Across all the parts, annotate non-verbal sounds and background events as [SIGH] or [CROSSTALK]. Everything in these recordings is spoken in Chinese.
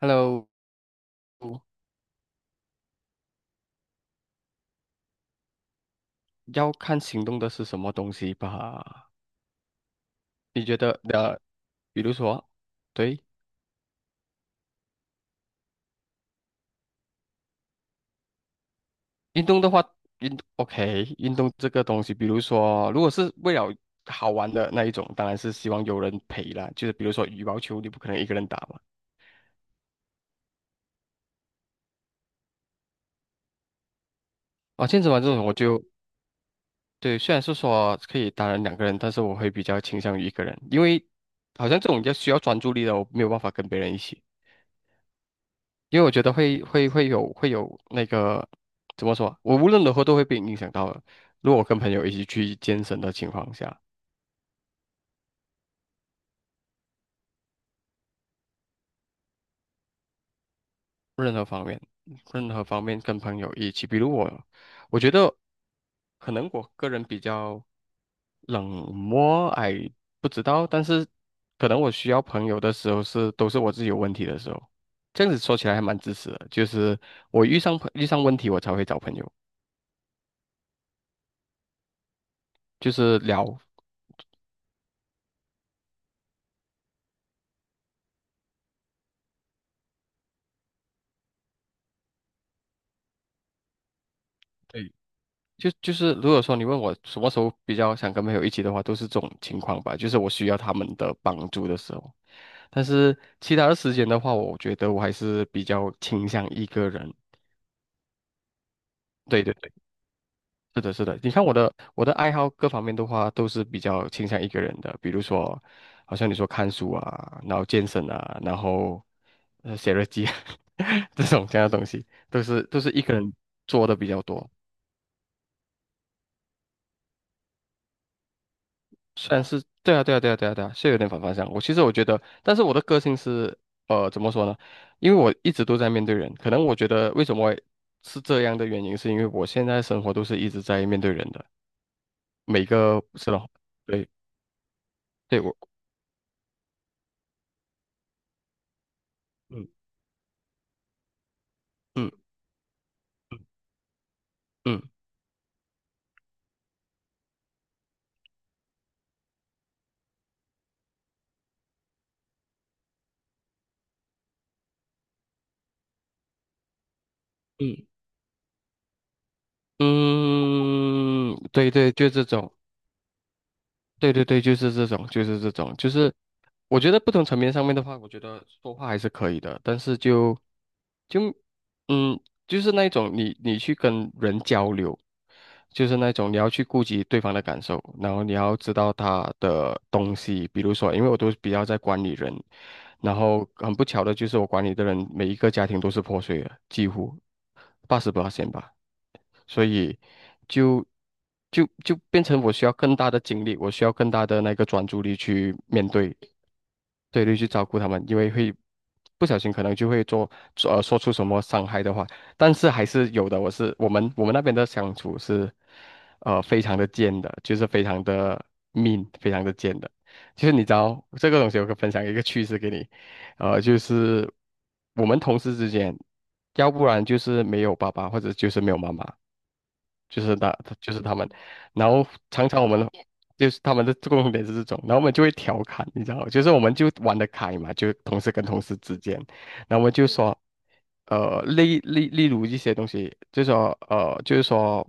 Hello,要看行动的是什么东西吧？你觉得比如说，对，运动的话，运 OK,运动这个东西，比如说，如果是为了好玩的那一种，当然是希望有人陪啦。就是比如说羽毛球，你不可能一个人打嘛。啊，健身房这种我就对，虽然是说可以当然两个人，但是我会比较倾向于一个人，因为好像这种要需要专注力的，我没有办法跟别人一起。因为我觉得会有那个怎么说，我无论如何都会被影响到的。如果我跟朋友一起去健身的情况下，任何方面，任何方面跟朋友一起，比如我，我觉得可能我个人比较冷漠，哎，不知道，但是可能我需要朋友的时候是都是我自己有问题的时候，这样子说起来还蛮自私的，就是我遇上问题我才会找朋友，就是聊。就是如果说你问我什么时候比较想跟朋友一起的话，都是这种情况吧，就是我需要他们的帮助的时候。但是其他的时间的话，我觉得我还是比较倾向一个人。对对对，是的，是的。你看我的爱好各方面的话，都是比较倾向一个人的。比如说，好像你说看书啊，然后健身啊，然后写日记啊 [LAUGHS] 这种这样的东西，都是一个人做的比较多。算是对啊，对啊，对啊，对啊，对啊，是有点反方向。我其实我觉得，但是我的个性是，呃，怎么说呢？因为我一直都在面对人，可能我觉得为什么会是这样的原因，是因为我现在生活都是一直在面对人的，每个是的，对，对我，嗯嗯嗯嗯嗯，对对，就这种，对对对，就是这种，就是这种，就是我觉得不同层面上面的话，我觉得说话还是可以的，但是就。就嗯，就是那种你你去跟人交流，就是那种你要去顾及对方的感受，然后你要知道他的东西，比如说，因为我都比较在管理人，然后很不巧的就是我管理的人每一个家庭都是破碎的，几乎八十八线吧。所以就就变成我需要更大的精力，我需要更大的那个专注力去面对，对，对，去照顾他们，因为会不小心可能就会做做呃说出什么伤害的话，但是还是有的。我们那边的相处是非常的贱的，就是非常的 mean,非常的贱的。就是你知道这个东西，我可以分享一个趣事给你。就是我们同事之间，要不然就是没有爸爸，或者就是没有妈妈，就是他，就是他们，然后常常我们就是他们的 [LAUGHS] 共点是这种，然后我们就会调侃，你知道吗，就是我们就玩得开嘛，就同事跟同事之间，然后我们就说，例如一些东西，就说就是说，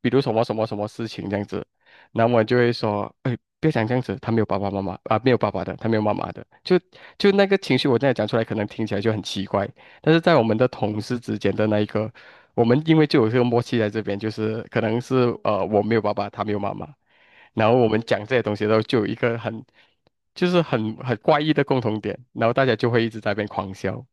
比如什么什么什么事情这样子，然后我就会说，哎，不要讲这样子，他没有爸爸妈妈啊，没有爸爸的，他没有妈妈的，就那个情绪，我现在讲出来可能听起来就很奇怪，但是在我们的同事之间的那一个，我们因为就有这个默契在这边，就是可能是我没有爸爸，他没有妈妈，然后我们讲这些东西的时候，就有一个很就是很怪异的共同点，然后大家就会一直在那边狂笑。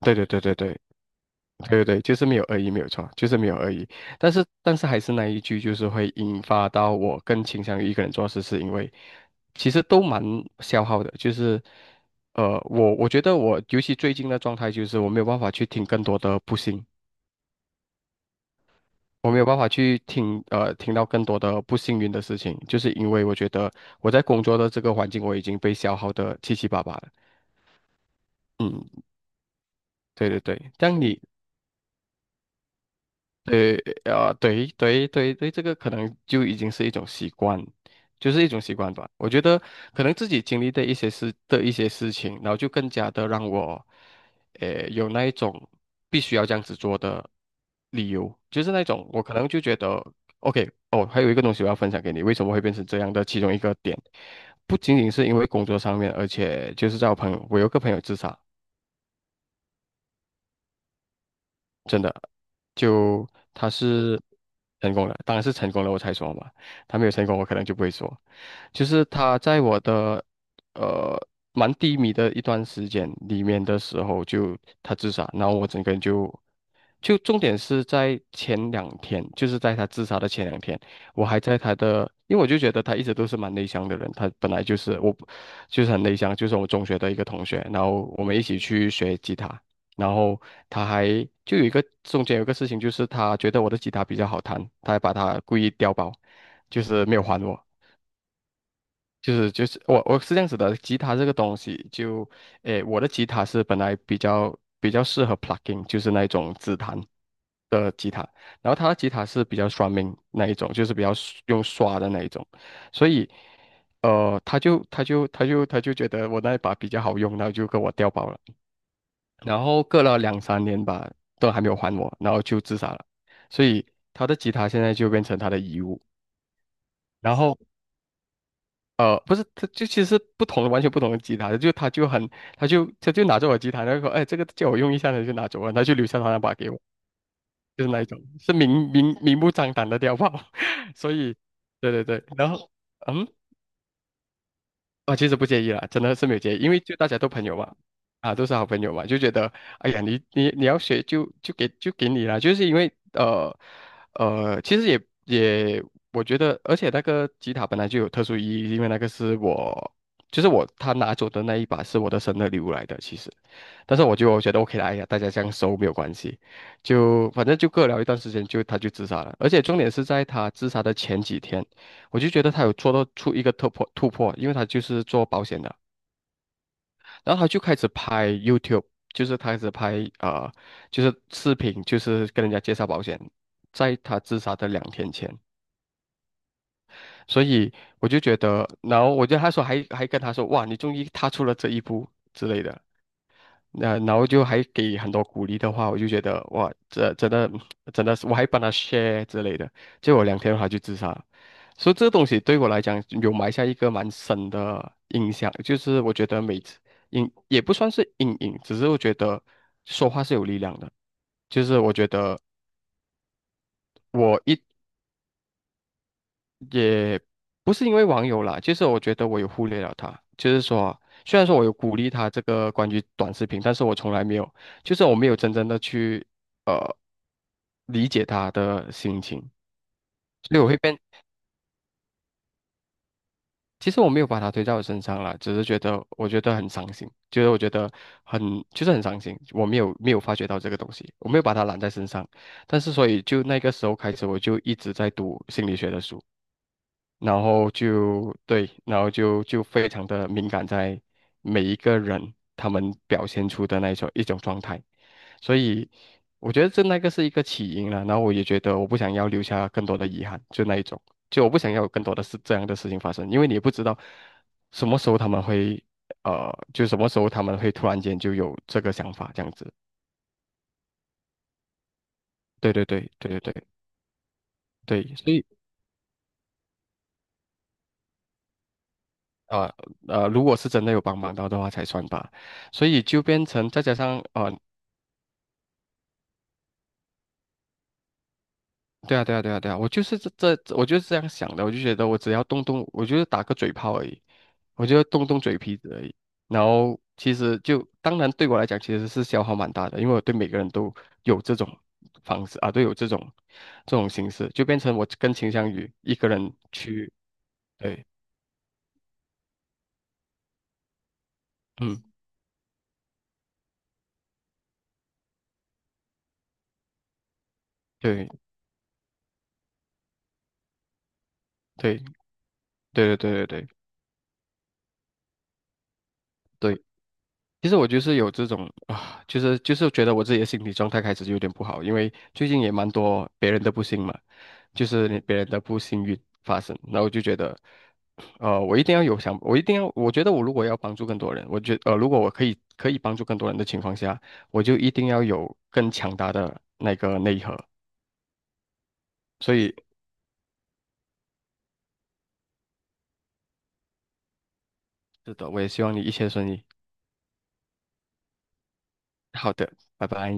对对对对对。对对对，就是没有恶意，没有错，就是没有恶意。但是，但是还是那一句，就是会引发到我更倾向于一个人做事，是因为其实都蛮消耗的。就是，我觉得我尤其最近的状态，就是我没有办法去听更多的不幸，我没有办法去听听到更多的不幸运的事情，就是因为我觉得我在工作的这个环境，我已经被消耗的七七八八了。嗯，对对对。这样你对，啊，对对对对，这个可能就已经是一种习惯，就是一种习惯吧。我觉得可能自己经历的一些事情，然后就更加的让我，呃，有那一种必须要这样子做的理由，就是那种我可能就觉得，OK,哦，还有一个东西我要分享给你，为什么会变成这样的其中一个点，不仅仅是因为工作上面，而且就是在我朋友，我有个朋友自杀。就他是成功了，当然是成功了我才说嘛，他没有成功我可能就不会说。就是他在我的呃蛮低迷的一段时间里面的时候就，他自杀，然后我整个人就就重点是在前两天，就是在他自杀的前两天，我还在他的，因为我就觉得他一直都是蛮内向的人，他本来就是我，就是很内向，就是我中学的一个同学，然后我们一起去学吉他，然后他还就有一个中间有一个事情，就是他觉得我的吉他比较好弹，他还把它故意调包，就是没有还我。就是我是这样子的，吉他这个东西就，诶，我的吉他是本来比较适合 plucking,就是那种指弹，的吉他，然后他的吉他是比较刷命那一种，就是比较刷用刷的那一种，所以，他就觉得我那一把比较好用，然后就跟我调包了，然后隔了两三年吧，都还没有还我，然后就自杀了，所以他的吉他现在就变成他的遗物，然后。呃，不是，他就其实不同的，完全不同的吉他，就他就很，他就拿着我吉他，然后说，哎，这个借我用一下他就拿走了，他就留下他那把给我。就是那一种，是明目张胆的碉堡，[LAUGHS] 所以，对对对，然后，嗯，我其实不介意啦，真的是没有介意，因为就大家都朋友嘛，啊，都是好朋友嘛，就觉得，哎呀，你要学就就给你啦，就是因为其实也也，我觉得，而且那个吉他本来就有特殊意义，因为那个是我，就是我他拿走的那一把是我的生日礼物来的，其实。但是我就觉得 OK 啦，哎呀，大家这样熟没有关系，就反正就各聊一段时间就他就自杀了，而且重点是在他自杀的前几天，我就觉得他有做到出一个突破，因为他就是做保险的，然后他就开始拍 YouTube，就是他开始拍就是视频，就是跟人家介绍保险，在他自杀的两天前，所以我就觉得，然后我觉得他说还跟他说哇，你终于踏出了这一步之类的，然后就还给很多鼓励的话，我就觉得哇，这真的是，我还帮他 share 之类的，结果两天后他就自杀了。所以这个东西对我来讲有埋下一个蛮深的印象，就是我觉得每次也不算是阴影，只是我觉得说话是有力量的，就是我觉得。我一。也不是因为网友啦，就是我觉得我有忽略了他，就是说，虽然说我有鼓励他这个关于短视频，但是我从来没有，就是我没有真正的去呃理解他的心情，所以我会变，其实我没有把他推到我身上啦，只是觉得我觉得很伤心，就是我觉得很就是很伤心，我没有发觉到这个东西，我没有把他揽在身上，但是所以就那个时候开始，我就一直在读心理学的书。然后就对，然后就非常的敏感在每一个人他们表现出的那一种状态，所以我觉得这那个是一个起因了，然后我也觉得我不想要留下更多的遗憾，就那一种，就我不想要有更多的事这样的事情发生，因为你也不知道什么时候他们会就什么时候他们会突然间就有这个想法这样子，对对对对对对对，所以。呃如果是真的有帮忙到的话才算吧，所以就变成再加上对啊对啊对啊对啊，我就是这，我就是这样想的，我就觉得我只要动动，我就是打个嘴炮而已，我就动动嘴皮子而已，然后其实就当然对我来讲其实是消耗蛮大的，因为我对每个人都有这种方式啊，都有这种形式，就变成我更倾向于一个人去，对，嗯，对对对对对对对。对其实我就是有这种啊，就是觉得我自己的心理状态开始就有点不好，因为最近也蛮多别人的不幸嘛，就是你别人的不幸运发生，然后我就觉得，我一定要有想，我一定要，我觉得我如果要帮助更多人，如果我可以帮助更多人的情况下，我就一定要有更强大的那个内核，所以是的，我也希望你一切顺利。好的，拜拜。